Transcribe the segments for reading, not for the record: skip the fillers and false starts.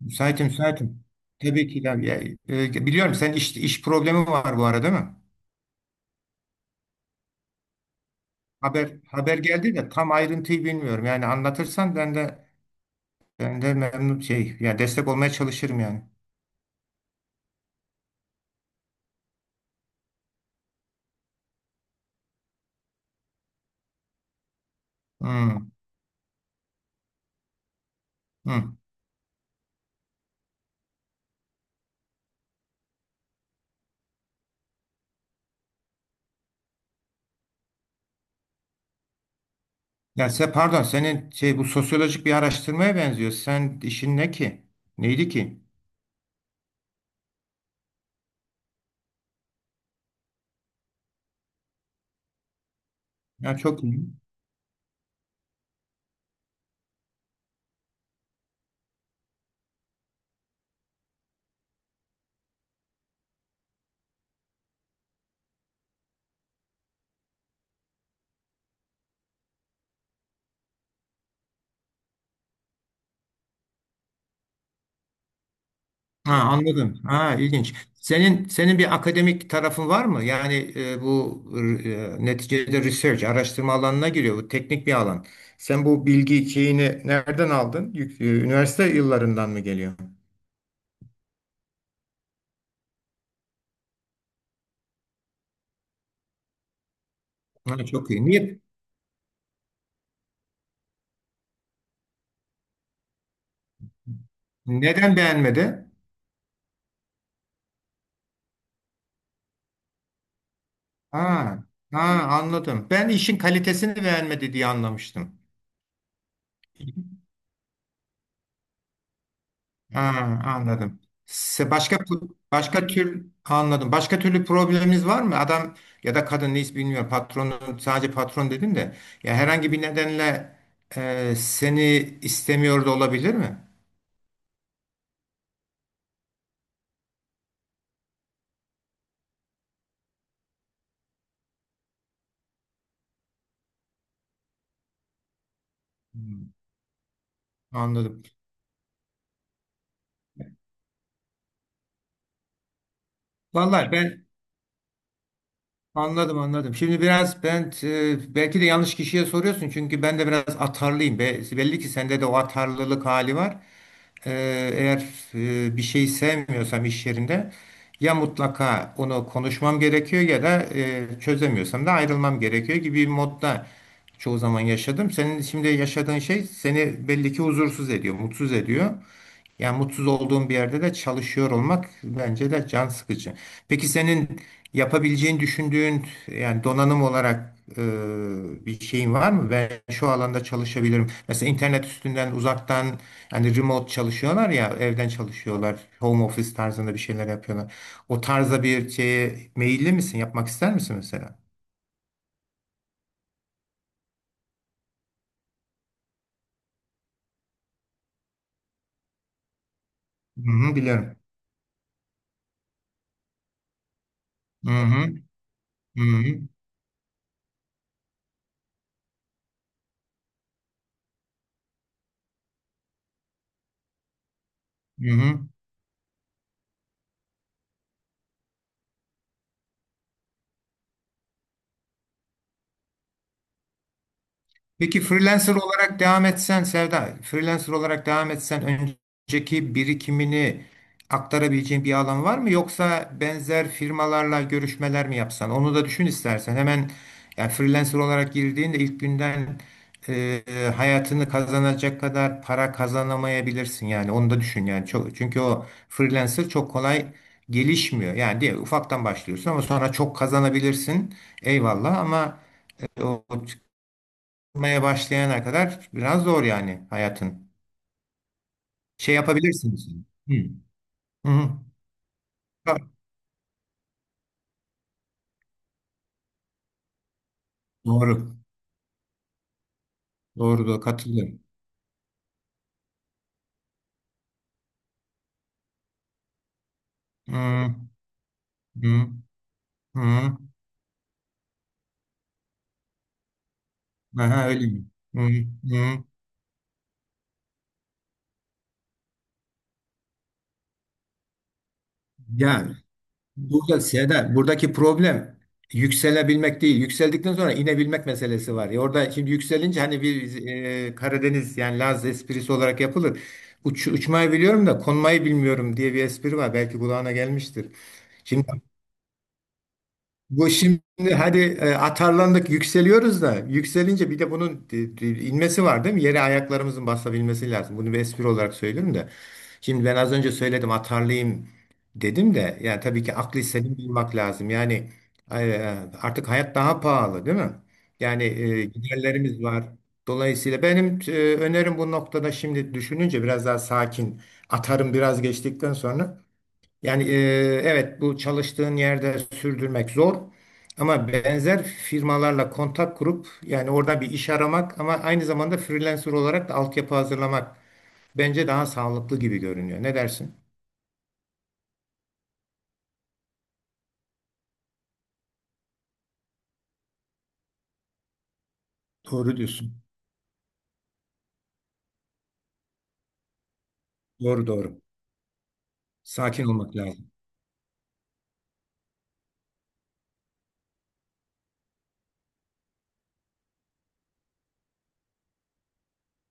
Müsaitim, müsaitim. Tabii ki ya, ya, biliyorum sen iş problemi var bu arada, değil mi? Haber geldi de tam ayrıntıyı bilmiyorum. Yani anlatırsan ben de memnun şey ya, destek olmaya çalışırım yani. Hmm, hmm. Ya sen pardon, senin şey, bu sosyolojik bir araştırmaya benziyor. Sen işin ne ki? Neydi ki? Ya çok iyi. Ha, anladım. Ha, ilginç. Senin bir akademik tarafın var mı? Yani bu neticede research, araştırma alanına giriyor. Bu teknik bir alan. Sen bu bilgi şeyini nereden aldın? Üniversite yıllarından mı geliyor? Ha, çok iyi. Niye? Neden beğenmedi? Ha, ha, anladım. Ben işin kalitesini beğenmedi diye anlamıştım. Ha, anladım. Başka başka tür anladım. Başka türlü probleminiz var mı? Adam ya da kadın neyse bilmiyorum. Patronun sadece patron dedin de, ya herhangi bir nedenle seni istemiyor da olabilir mi? Hmm, anladım. Vallahi ben anladım, anladım. Şimdi biraz ben belki de yanlış kişiye soruyorsun çünkü ben de biraz atarlıyım. Belli ki sende de o atarlılık hali var. Eğer bir şeyi sevmiyorsam iş yerinde, ya mutlaka onu konuşmam gerekiyor ya da çözemiyorsam da ayrılmam gerekiyor gibi bir modda çoğu zaman yaşadım. Senin şimdi yaşadığın şey seni belli ki huzursuz ediyor, mutsuz ediyor. Yani mutsuz olduğun bir yerde de çalışıyor olmak bence de can sıkıcı. Peki senin yapabileceğini düşündüğün, yani donanım olarak bir şeyin var mı? Ben şu alanda çalışabilirim. Mesela internet üstünden uzaktan, yani remote çalışıyorlar ya, evden çalışıyorlar. Home office tarzında bir şeyler yapıyorlar. O tarza bir şeye meyilli misin? Yapmak ister misin mesela? Hı hı, biliyorum. Hı hı, hı hı, hı hı. Peki freelancer olarak devam etsen Sevda, freelancer olarak devam etsen önceki birikimini aktarabileceğin bir alan var mı? Yoksa benzer firmalarla görüşmeler mi yapsan? Onu da düşün istersen. Hemen yani freelancer olarak girdiğinde ilk günden e, hayatını kazanacak kadar para kazanamayabilirsin yani. Onu da düşün yani. Çok, çünkü o freelancer çok kolay gelişmiyor. Yani diye ufaktan başlıyorsun ama sonra çok kazanabilirsin. Eyvallah ama o yapmaya başlayana kadar biraz zor yani hayatın. Şey yapabilirsiniz. Hı. Hı. Hı. Ha, doğru. Doğru doğru, katılıyorum. Hı. Hı. Hı. Aha, öyle mi? Hı. Hı. Yani burada Seda, buradaki problem yükselebilmek değil. Yükseldikten sonra inebilmek meselesi var. Ya orada şimdi yükselince hani bir Karadeniz yani Laz esprisi olarak yapılır. Uç, uçmayı biliyorum da konmayı bilmiyorum diye bir espri var. Belki kulağına gelmiştir. Şimdi bu şimdi hadi atarlandık, yükseliyoruz da yükselince bir de bunun inmesi var değil mi? Yere ayaklarımızın basabilmesi lazım. Bunu bir espri olarak söylüyorum da. Şimdi ben az önce söyledim atarlayayım dedim de, yani tabii ki aklı selim bulmak lazım. Yani e, e, artık hayat daha pahalı değil mi? Yani giderlerimiz var. Dolayısıyla benim önerim bu noktada, şimdi düşününce biraz daha sakin atarım biraz geçtikten sonra yani evet, bu çalıştığın yerde sürdürmek zor ama benzer firmalarla kontak kurup yani orada bir iş aramak ama aynı zamanda freelancer olarak da altyapı hazırlamak bence daha sağlıklı gibi görünüyor. Ne dersin? Doğru diyorsun. Doğru doğru. Sakin olmak lazım.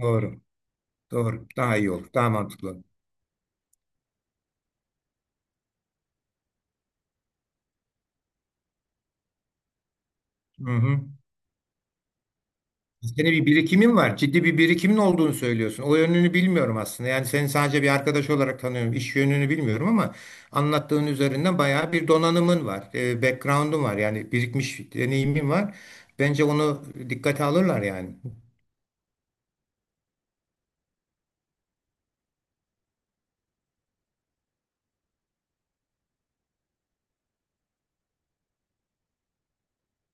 Doğru. Doğru. Daha iyi olur. Daha mantıklı. Hı hı. Senin bir birikimin var. Ciddi bir birikimin olduğunu söylüyorsun. O yönünü bilmiyorum aslında. Yani seni sadece bir arkadaş olarak tanıyorum. İş yönünü bilmiyorum ama anlattığın üzerinden bayağı bir donanımın var. E, background'un var. Yani birikmiş deneyimin var. Bence onu dikkate alırlar yani.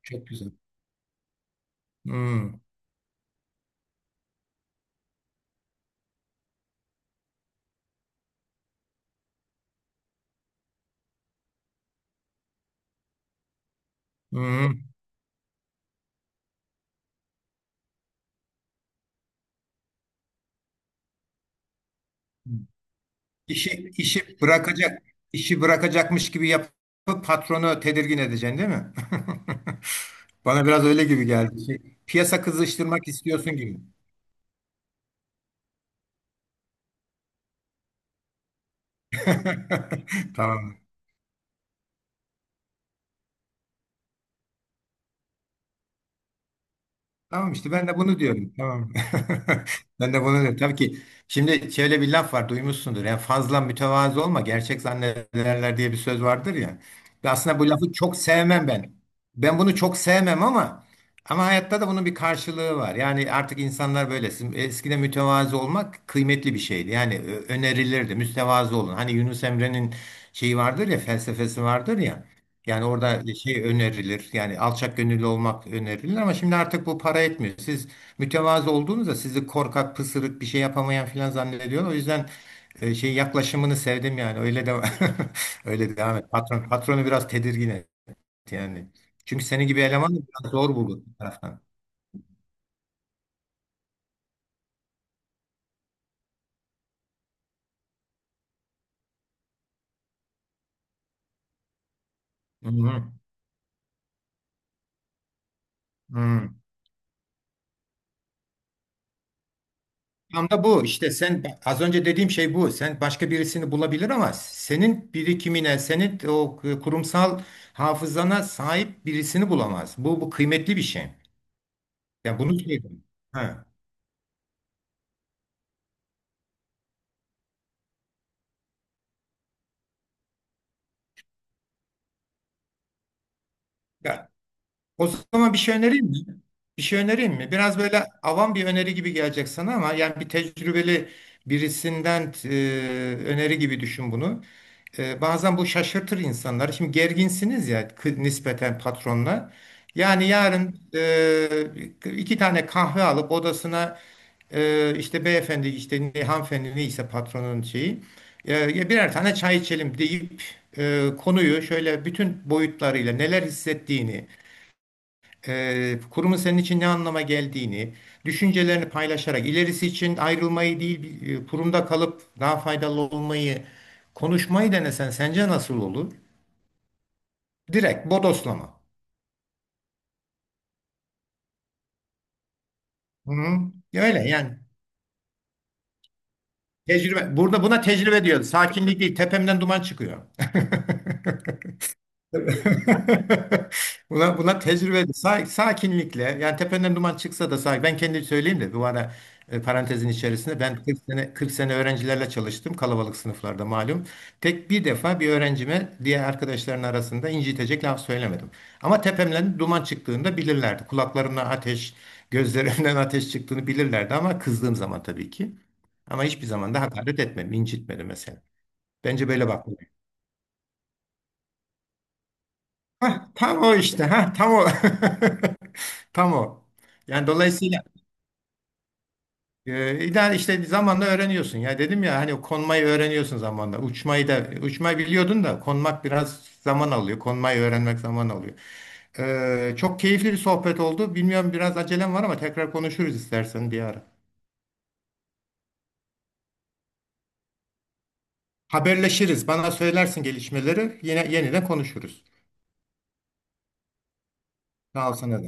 Çok güzel. Hmm, hmm. İşi, işi bırakacak, işi bırakacakmış gibi yapıp patronu tedirgin edeceksin değil mi? Bana biraz öyle gibi geldi. Şey, piyasa kızıştırmak istiyorsun gibi. Tamam. Tamam işte, ben de bunu diyorum. Tamam. Ben de bunu diyorum. Tabii ki şimdi şöyle bir laf var, duymuşsundur. Yani fazla mütevazı olma, gerçek zannederler diye bir söz vardır ya. Ve aslında bu lafı çok sevmem ben. Ben bunu çok sevmem ama ama hayatta da bunun bir karşılığı var. Yani artık insanlar böylesin. Eskiden mütevazı olmak kıymetli bir şeydi. Yani önerilirdi. Mütevazı olun. Hani Yunus Emre'nin şeyi vardır ya, felsefesi vardır ya. Yani orada şey önerilir. Yani alçak gönüllü olmak önerilir ama şimdi artık bu para etmiyor. Siz mütevazı olduğunuzda sizi korkak, pısırık, bir şey yapamayan filan zannediyor. O yüzden şey yaklaşımını sevdim yani. Öyle de öyle devam et. Patronu biraz tedirgin et yani. Çünkü senin gibi eleman da biraz zor bulur bir taraftan. Hı hı. Hı. Tam da bu işte, sen az önce dediğim şey bu. Sen başka birisini bulabilir ama senin birikimine, senin o kurumsal hafızana sahip birisini bulamaz. Bu kıymetli bir şey. Yani bunu söyleyeyim. Ha. Ya, o zaman bir şey önereyim mi? Bir şey önereyim mi? Biraz böyle avam bir öneri gibi gelecek sana ama yani bir tecrübeli birisinden öneri gibi düşün bunu. E, bazen bu şaşırtır insanları. Şimdi gerginsiniz ya nispeten patronla. Yani yarın iki tane kahve alıp odasına işte beyefendi işte ne, hanımefendi neyse patronun şeyi ya birer tane çay içelim deyip konuyu şöyle bütün boyutlarıyla neler hissettiğini, kurumun senin için ne anlama geldiğini, düşüncelerini paylaşarak ilerisi için ayrılmayı değil, kurumda kalıp daha faydalı olmayı konuşmayı denesen sence nasıl olur? Direkt bodoslama. Hı hı. Öyle yani. Tecrübe. Burada buna tecrübe diyoruz. Sakinlik değil, tepemden duman çıkıyor. Buna tecrübe, sakinlikle, yani tependen duman çıksa da sakin. Ben kendi söyleyeyim de bu ara parantezin içerisinde ben 40 sene, 40 sene öğrencilerle çalıştım kalabalık sınıflarda malum. Tek bir defa bir öğrencime diğer arkadaşların arasında incitecek laf söylemedim. Ama tepemden duman çıktığında bilirlerdi. Kulaklarımdan ateş, gözlerimden ateş çıktığını bilirlerdi ama kızdığım zaman tabii ki. Ama hiçbir zaman da hakaret etmedim, incitmedim mesela. Bence böyle bak. Hah, tam o işte. Ha, tam o. Tam o. Yani dolayısıyla ideal işte zamanla öğreniyorsun. Ya dedim ya hani konmayı öğreniyorsun zamanla. Uçmayı da uçmayı biliyordun da konmak biraz zaman alıyor. Konmayı öğrenmek zaman alıyor. E, çok keyifli bir sohbet oldu. Bilmiyorum biraz acelem var ama tekrar konuşuruz istersen bir ara. Haberleşiriz. Bana söylersin gelişmeleri. Yine yeniden konuşuruz. Sağ ol sana da.